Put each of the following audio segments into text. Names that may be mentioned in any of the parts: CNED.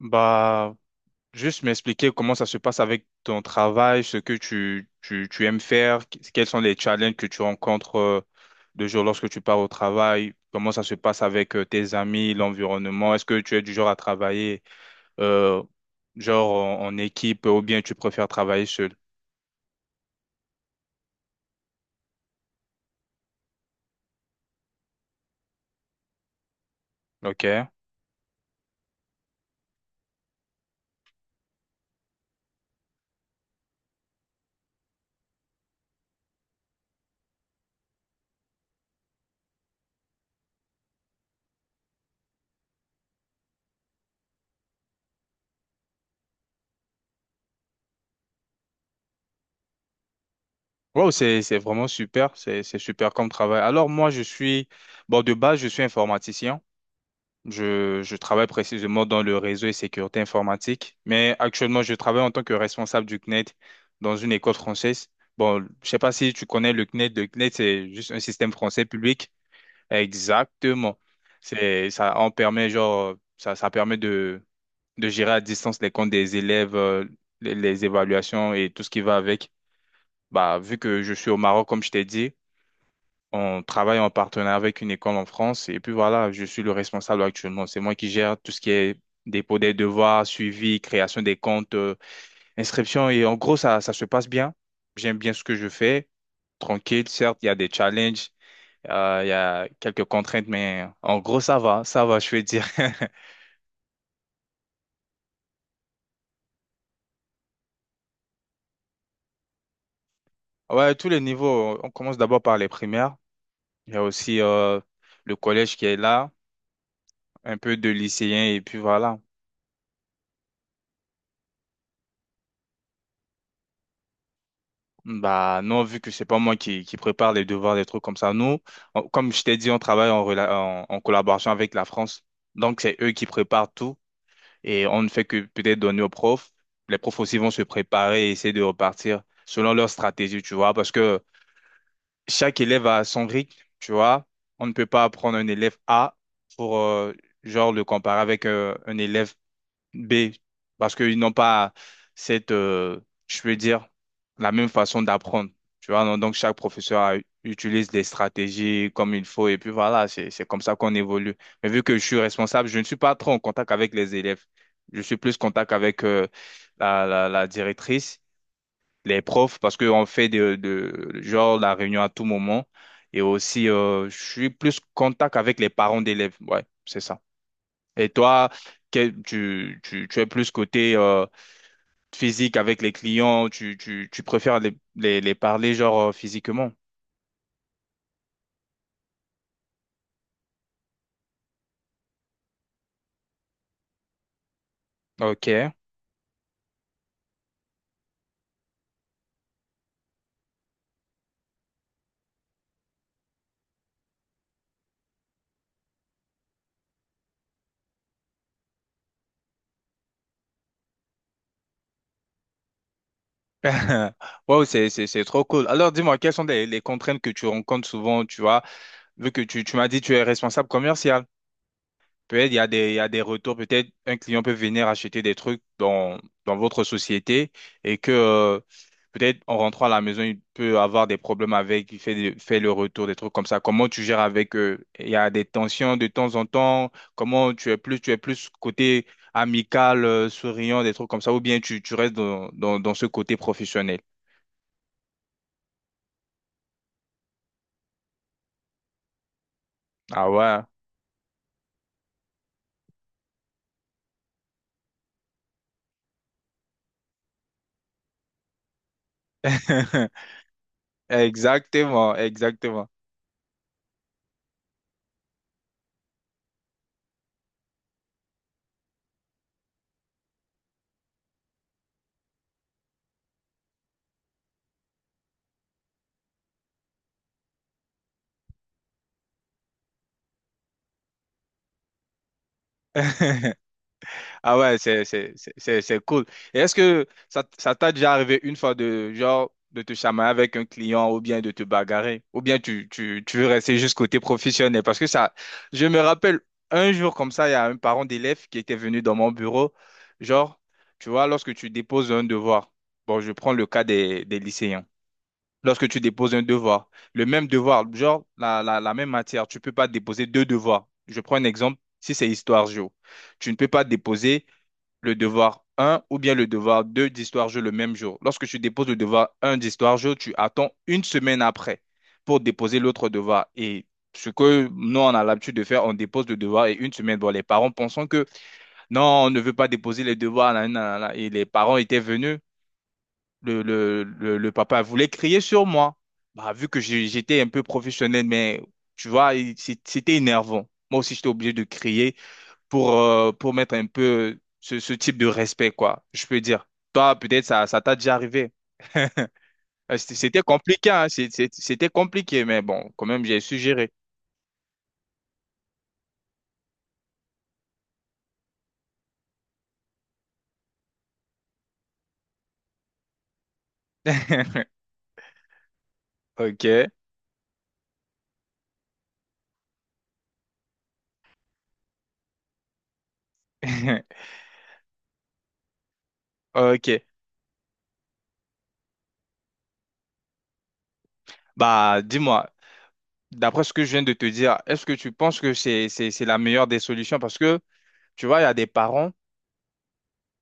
Bah, juste m'expliquer comment ça se passe avec ton travail, ce que tu aimes faire, quels sont les challenges que tu rencontres de jour lorsque tu pars au travail, comment ça se passe avec tes amis, l'environnement, est-ce que tu es du genre à travailler euh, genre en équipe ou bien tu préfères travailler seul? Ok. Wow, c'est vraiment super, c'est super comme travail. Bon, de base, je suis informaticien. Je travaille précisément dans le réseau et sécurité informatique, mais actuellement, je travaille en tant que responsable du CNED dans une école française. Bon, je sais pas si tu connais le CNED. Le CNED, c'est juste un système français public. Exactement. Ça en permet, genre, ça permet de gérer à distance les comptes des élèves, les évaluations et tout ce qui va avec. Bah, vu que je suis au Maroc, comme je t'ai dit, on travaille en partenariat avec une école en France et puis voilà, je suis le responsable actuellement. C'est moi qui gère tout ce qui est dépôt des devoirs, suivi, création des comptes, inscription et en gros, ça se passe bien. J'aime bien ce que je fais. Tranquille, certes, il y a des challenges, il y a quelques contraintes, mais en gros, ça va, je veux dire. Ouais, tous les niveaux. On commence d'abord par les primaires. Il y a aussi le collège qui est là, un peu de lycéens et puis voilà. Bah non, vu que c'est pas moi qui prépare les devoirs, des trucs comme ça. Nous, comme je t'ai dit, on travaille en, en collaboration avec la France. Donc c'est eux qui préparent tout et on ne fait que peut-être donner aux profs. Les profs aussi vont se préparer et essayer de repartir selon leur stratégie, tu vois, parce que chaque élève a son rythme, tu vois. On ne peut pas prendre un élève A pour genre le comparer avec un élève B, parce qu'ils n'ont pas cette, je veux dire, la même façon d'apprendre. Tu vois, non donc chaque utilise des stratégies comme il faut et puis voilà, c'est comme ça qu'on évolue. Mais vu que je suis responsable, je ne suis pas trop en contact avec les élèves. Je suis plus en contact avec la directrice, les profs, parce qu'on fait genre la réunion à tout moment. Et aussi, je suis plus en contact avec les parents d'élèves. Ouais, c'est ça. Et toi, tu es plus côté physique avec les clients, tu préfères les parler genre physiquement. Ok. Wow, c'est trop cool. Alors dis-moi, quelles sont les contraintes que tu rencontres souvent, tu vois, vu que tu m'as dit que tu es responsable commercial. Peut-être il y a il y a des retours, peut-être un client peut venir acheter des trucs dans, dans votre société et que peut-être en rentrant à la maison, il peut avoir des problèmes avec, fait le retour, des trucs comme ça. Comment tu gères avec eux? Il y a des tensions de temps en temps. Comment tu es plus côté amical, souriant, des trucs comme ça, ou bien tu restes dans ce côté professionnel? Ah ouais. Exactement, exactement. Ah ouais, c'est c'est cool. Et est-ce que ça t'a déjà arrivé une fois de, genre, de te chamailler avec un client ou bien de te bagarrer? Ou bien tu veux rester juste côté professionnel? Parce que ça, je me rappelle un jour comme ça, il y a un parent d'élève qui était venu dans mon bureau. Genre, tu vois, lorsque tu déposes un devoir, bon, je prends le cas des lycéens. Lorsque tu déposes un devoir, le même devoir, genre la même matière, tu peux pas déposer deux devoirs. Je prends un exemple, si c'est histoire géo, tu ne peux pas déposer le devoir un ou bien le devoir 2 d'histoire-jeu le même jour. Lorsque tu déposes le devoir un d'histoire-jeu, tu attends une semaine après pour déposer l'autre devoir. Et ce que nous, on a l'habitude de faire, on dépose le devoir et une semaine. Bon, les parents pensant que non, on ne veut pas déposer les devoirs. Nanana, nanana. Et les parents étaient venus. Le papa voulait crier sur moi. Bah, vu que j'étais un peu professionnel, mais tu vois, c'était énervant. Moi aussi, j'étais obligé de crier pour mettre un peu ce, ce type de respect, quoi, je peux dire. Toi, peut-être ça t'a déjà arrivé. C'était compliqué, hein, c'était compliqué, mais bon, quand même, j'ai su gérer. Ok. Ok. Bah, dis-moi, d'après ce que je viens de te dire, est-ce que tu penses que c'est la meilleure des solutions? Parce que, tu vois, il y a des parents.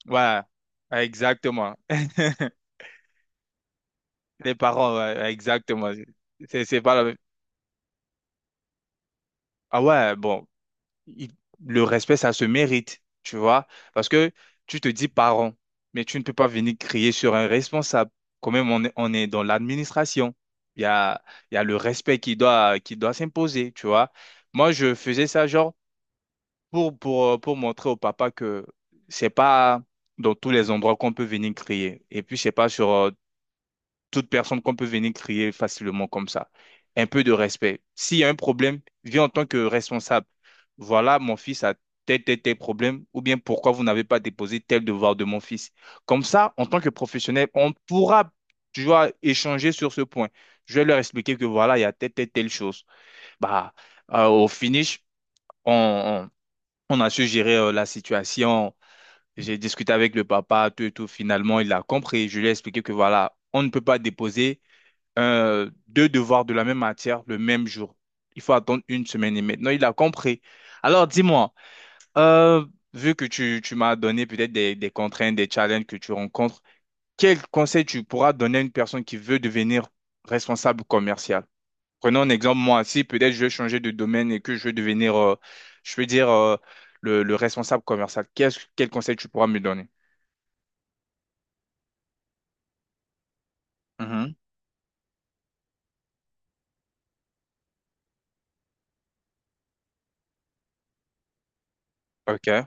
Voilà. Exactement. Les parents, ouais, exactement. C'est pas la même. Ah ouais, bon. il- le respect, ça se mérite, tu vois, parce que tu te dis parent, mais tu ne peux pas venir crier sur un responsable. Quand même, on est dans l'administration. Il y a, il y a le respect qui doit s'imposer, tu vois. Moi, je faisais ça genre pour montrer au papa que c'est pas dans tous les endroits qu'on peut venir crier. Et puis, c'est pas sur, toute personne qu'on peut venir crier facilement comme ça. Un peu de respect. S'il y a un problème, viens en tant que responsable. Voilà, mon fils a tel, tel, tel problème, ou bien pourquoi vous n'avez pas déposé tel devoir de mon fils. Comme ça, en tant que professionnel, on pourra, tu vois, échanger sur ce point. Je vais leur expliquer que voilà, il y a telle, telle, telle chose. Bah, au finish, on, on a su gérer la situation. J'ai discuté avec le papa, tout et tout. Finalement, il a compris. Je lui ai expliqué que voilà, on ne peut pas déposer deux devoirs de la même matière le même jour. Il faut attendre une semaine et maintenant il a compris. Alors dis-moi, euh, vu que tu m'as donné peut-être des contraintes, des challenges que tu rencontres, quel conseil tu pourras donner à une personne qui veut devenir responsable commercial? Prenons un exemple, moi, si peut-être je veux changer de domaine et que je veux devenir, je veux dire, le responsable commercial, quel conseil tu pourras me donner? Mhm. OK.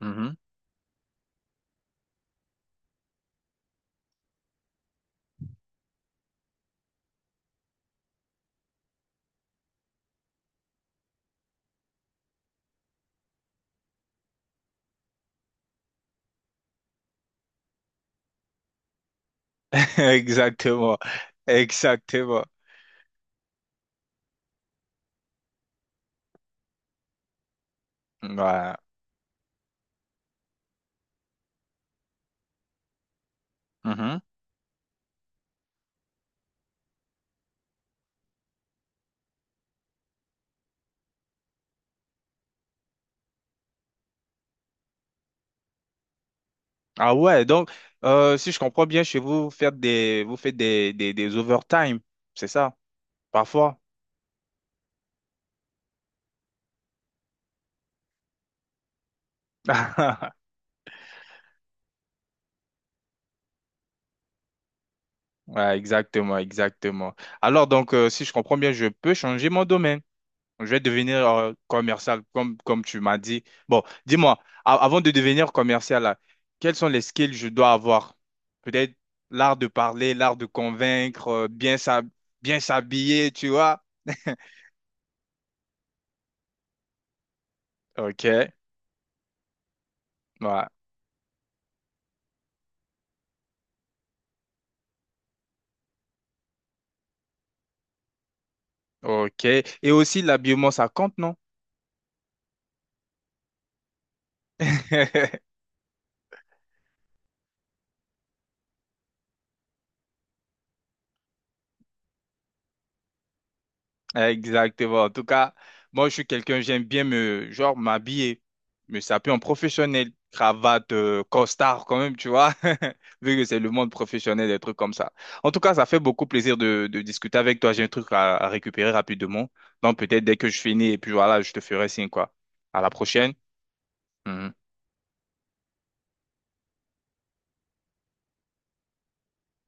Mhm. Exactement. Exactement. Voilà. Ah ouais, donc si je comprends bien, chez vous, vous faites des overtime, c'est ça, parfois. Ouais, exactement, exactement. Alors donc, si je comprends bien, je peux changer mon domaine. Je vais devenir commercial, comme tu m'as dit. Bon, dis-moi, avant de devenir commercial, là, quels sont les skills que je dois avoir? Peut-être l'art de parler, l'art de convaincre, bien s'habiller, tu vois. Ok, ouais, ok. Et aussi l'habillement, ça compte, non? Exactement. En tout cas, moi, je suis quelqu'un, j'aime bien me, genre, m'habiller, me saper en professionnel, cravate, costard quand même, tu vois, vu que c'est le monde professionnel, des trucs comme ça. En tout cas, ça fait beaucoup plaisir de discuter avec toi. J'ai un truc à récupérer rapidement. Donc, peut-être dès que je finis, et puis voilà, je te ferai signe, quoi. À la prochaine. Mhm.